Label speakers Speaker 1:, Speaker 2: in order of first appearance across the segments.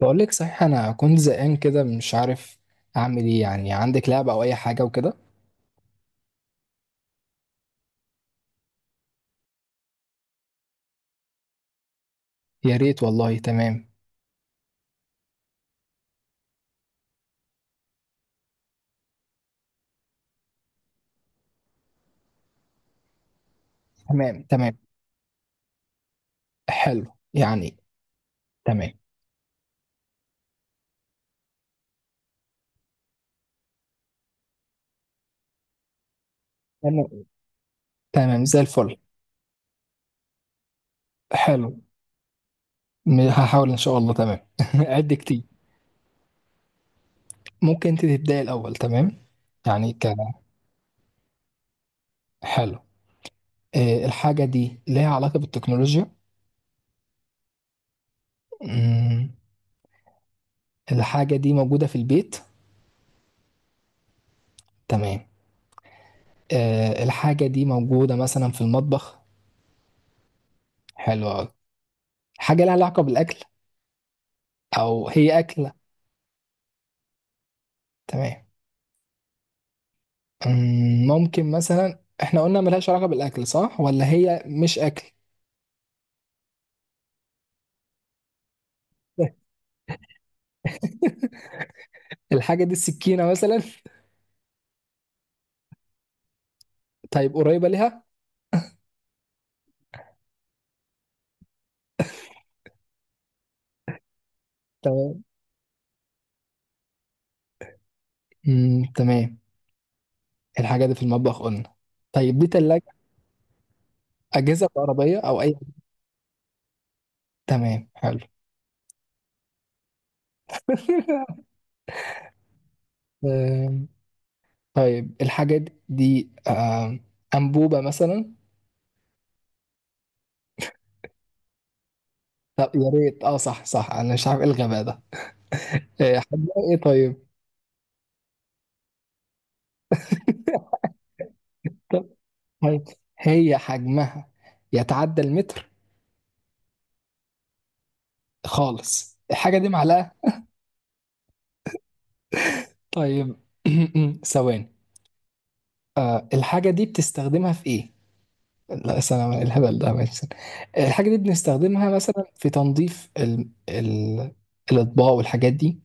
Speaker 1: بقول لك صحيح، انا كنت زهقان كده مش عارف اعمل ايه. يعني عندك لعبة او اي حاجة وكده؟ يا ريت والله. تمام تمام تمام. حلو. يعني تمام تمام تمام زي الفل. حلو. هحاول ان شاء الله. تمام. قد كتير. ممكن انت تبداي الاول. تمام. يعني ك حلو. إيه، الحاجة دي ليها علاقة بالتكنولوجيا؟ مم، الحاجة دي موجودة في البيت؟ تمام. إيه، الحاجة دي موجودة مثلا في المطبخ؟ حلو أوي. حاجة لها علاقة بالأكل، او هي اكله؟ تمام. ممكن مثلا احنا قلنا ملهاش علاقه بالاكل، صح؟ ولا هي مش اكل؟ الحاجه دي السكينه مثلا؟ طيب قريبه ليها. تمام. تمام. الحاجه دي في المطبخ قلنا. طيب، دي تلاجة؟ أجهزة كهربائية أو أي؟ تمام. حلو. أم، طيب الحاجة دي، أنبوبة مثلا؟ طب يا ريت. اه، صح صح، أنا مش عارف إيه الغباء ده. حجمها إيه طيب؟ طيب، هي حجمها يتعدى المتر؟ خالص. الحاجة دي معلقة؟ طيب. ثواني. آه، الحاجة دي بتستخدمها في ايه؟ لا سلام، الهبل ده ماشي، استنى. الحاجة دي بنستخدمها مثلا في تنظيف ال... ال... الأطباق والحاجات دي؟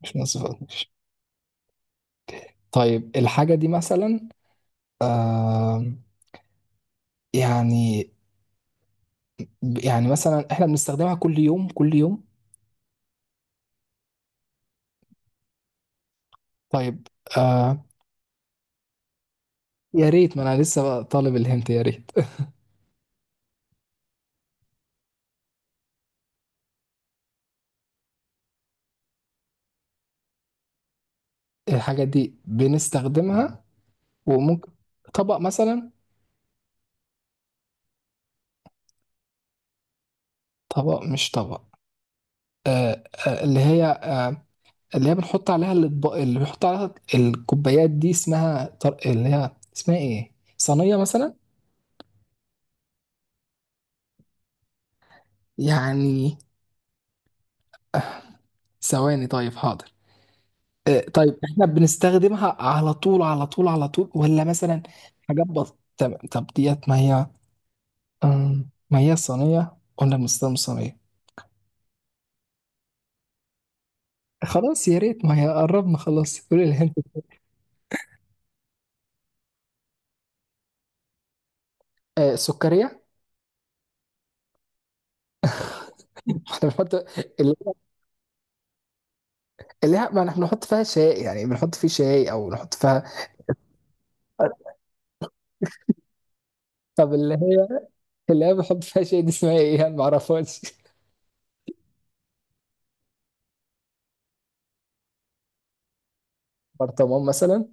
Speaker 1: مش نظيف، ماشي. طيب الحاجة دي مثلا، آه، يعني، يعني مثلا احنا بنستخدمها كل يوم كل يوم؟ طيب. آه، يا ريت، ما انا لسه بقى طالب الهنت، يا ريت. الحاجة دي بنستخدمها وممكن، طبق مثلا؟ طبق مش طبق. آه آه اللي هي، آه، اللي هي بنحط عليها الاطباق، اللي بنحط عليها الكوبايات دي اسمها طر... اللي هي اسمها ايه؟ صينية مثلا؟ يعني ثواني، طيب حاضر. آه، طيب احنا بنستخدمها على طول على طول على طول ولا مثلا حاجات بسيطة؟ طب طب ديت، ما هي، ما هي صينية قلنا، بنستخدم صينية. خلاص، يا ريت، ما هي قربنا خلاص، قولي الهنت. آه، سكرية؟ احنا بنحط، اللي، اللي هي، ما احنا بنحط فيها شاي. يعني بنحط فيه شاي او نحط فيها. طب اللي هي، اللي هي بنحط فيها شاي دي، اسمها ايه؟ انا ما اعرفهاش. برطمان مثلا؟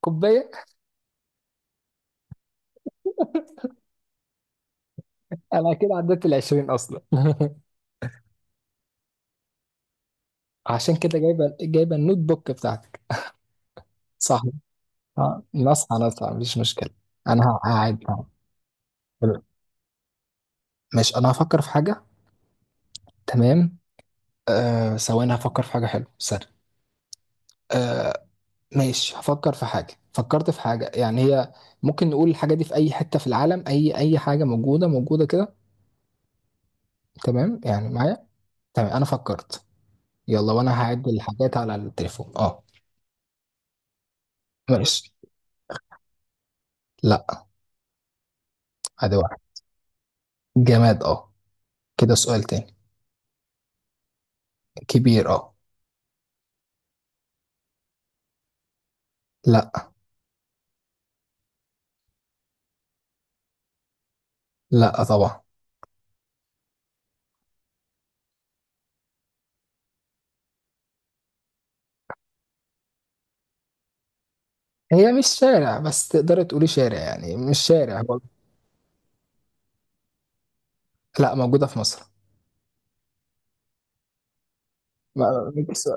Speaker 1: كوبايه. انا كده عديت ال 20 اصلا. عشان كده جايبه جايبه النوت بوك بتاعتك، صح؟ اه، نصحى نصحى، مفيش مشكله. هقعد. ماشي، انا هفكر في حاجه. تمام. آه ثواني، هفكر في حاجه حلوه، سهل. آه ماشي، هفكر في حاجة. فكرت في حاجة. يعني هي ممكن نقول الحاجة دي في أي حتة في العالم، أي أي حاجة موجودة موجودة كده. تمام يعني معايا. تمام، أنا فكرت. يلا، وأنا هعد الحاجات على التليفون، أه. ماشي. لا. أدي واحد. جماد، أه. كده سؤال تاني. كبير، أه. لا. لا طبعا. هي مش شارع، بس تقدر تقولي شارع، يعني مش شارع برضه. لا، موجودة في مصر. ما- بس-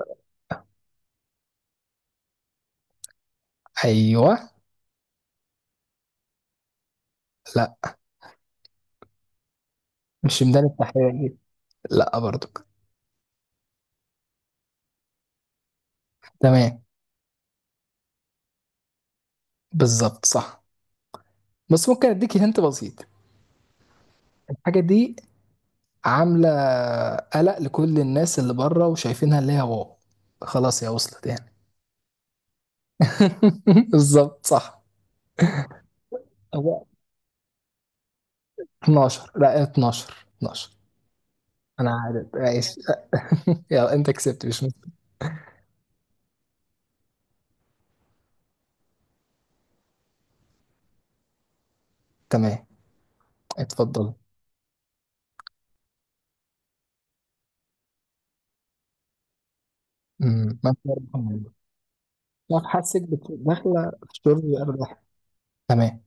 Speaker 1: أيوه. لا، مش ميدان التحرير. لا برضو. تمام. بالظبط، صح. بس ممكن اديك هنت بسيط. الحاجه دي عامله قلق لكل الناس اللي بره وشايفينها، اللي هي واو. خلاص، هي وصلت يعني. بالظبط، صح. هو 12. لا، 12، 12. انا عارف، ماشي. يلا انت كسبت، مش مشكلة. تمام. اتفضل. ما لا. حاسك داخله في شرب الريحه. تمام.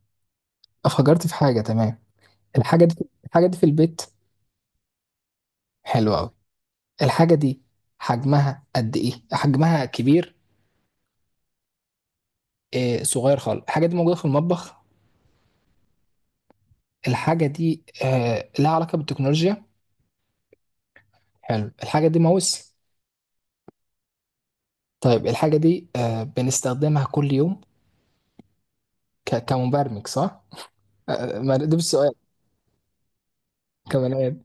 Speaker 1: افكرت في حاجه. تمام. الحاجه دي، الحاجه دي في البيت. حلوه قوي. الحاجه دي حجمها قد ايه؟ حجمها كبير؟ صغير خالص. الحاجه دي موجوده في المطبخ؟ الحاجه دي لها علاقه بالتكنولوجيا؟ حلو. الحاجه دي ماوس؟ طيب الحاجه دي بنستخدمها كل يوم؟ كمبرمج، صح؟ آه، ما ده بالسؤال. كمان إيه؟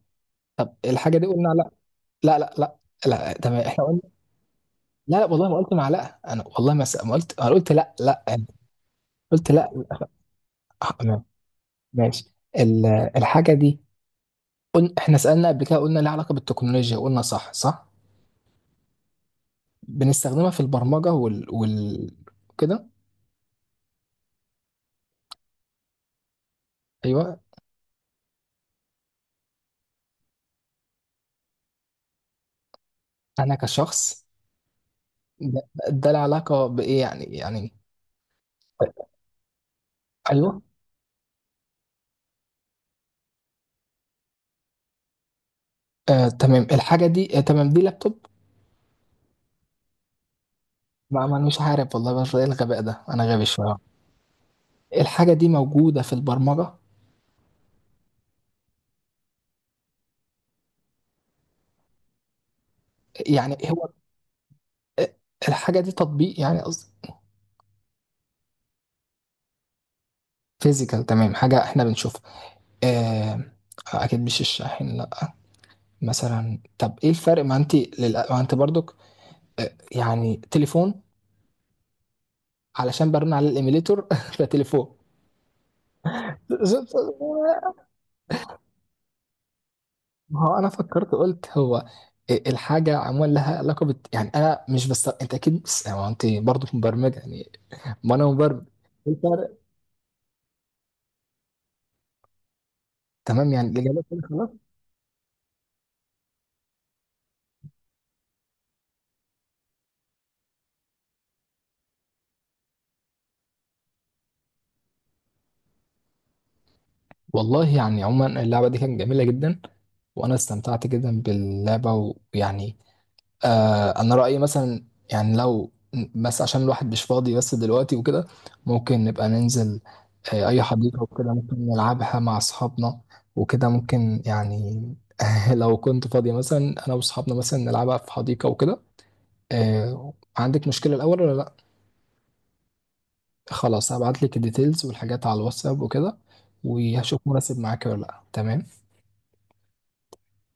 Speaker 1: طب الحاجه دي قلنا لا، لا لا لا. لا تمام، احنا قلنا لا لا. والله ما قلت معلقه انا، والله ما قلت، انا قلت لا لا. أنا قلت لا لا. تمام. ماشي. ال- الحاجه دي قلنا، احنا سالنا قبل كده، قلنا لها علاقه بالتكنولوجيا، قلنا صح صح. بنستخدمها في البرمجة وال وال كده. ايوه. انا كشخص، ده، ده له علاقة بايه يعني؟ يعني ايوه. آه تمام، الحاجة دي، آه تمام، دي لابتوب؟ ما ما انا مش عارف والله، بس ايه الغباء ده، انا غبي شوية. الحاجة دي موجودة في البرمجة؟ يعني هو، آه، الحاجة دي تطبيق يعني؟ قصدي فيزيكال، تمام. حاجة احنا بنشوفها، آه. اكيد مش الشاحن، لا. مثلا، طب ايه الفرق، ما انت للأ... ما انت برضك، يعني تليفون؟ علشان برن على الايميليتور. فتليفون. ما هو انا فكرت قلت هو إيه الحاجه عموما لها علاقه بت... يعني انا مش، بس انت اكيد، بس يعني هو انت برضه مبرمج يعني، ما انا مبرمج. إيه الفرق. تمام، يعني الاجابه كده خلاص. والله يعني عموما اللعبه دي كانت جميله جدا، وانا استمتعت جدا باللعبه. ويعني، آه انا رايي مثلا، يعني لو، بس عشان الواحد مش فاضي بس دلوقتي وكده، ممكن نبقى ننزل آه اي حديقه وكده، ممكن نلعبها مع اصحابنا وكده. ممكن يعني، لو كنت فاضي مثلا، انا واصحابنا مثلا، نلعبها في حديقه وكده. آه، عندك مشكله الاول ولا لا؟ خلاص، هبعت لك الديتيلز والحاجات على الواتساب وكده، وهشوف مناسب معاك ولا لا. تمام.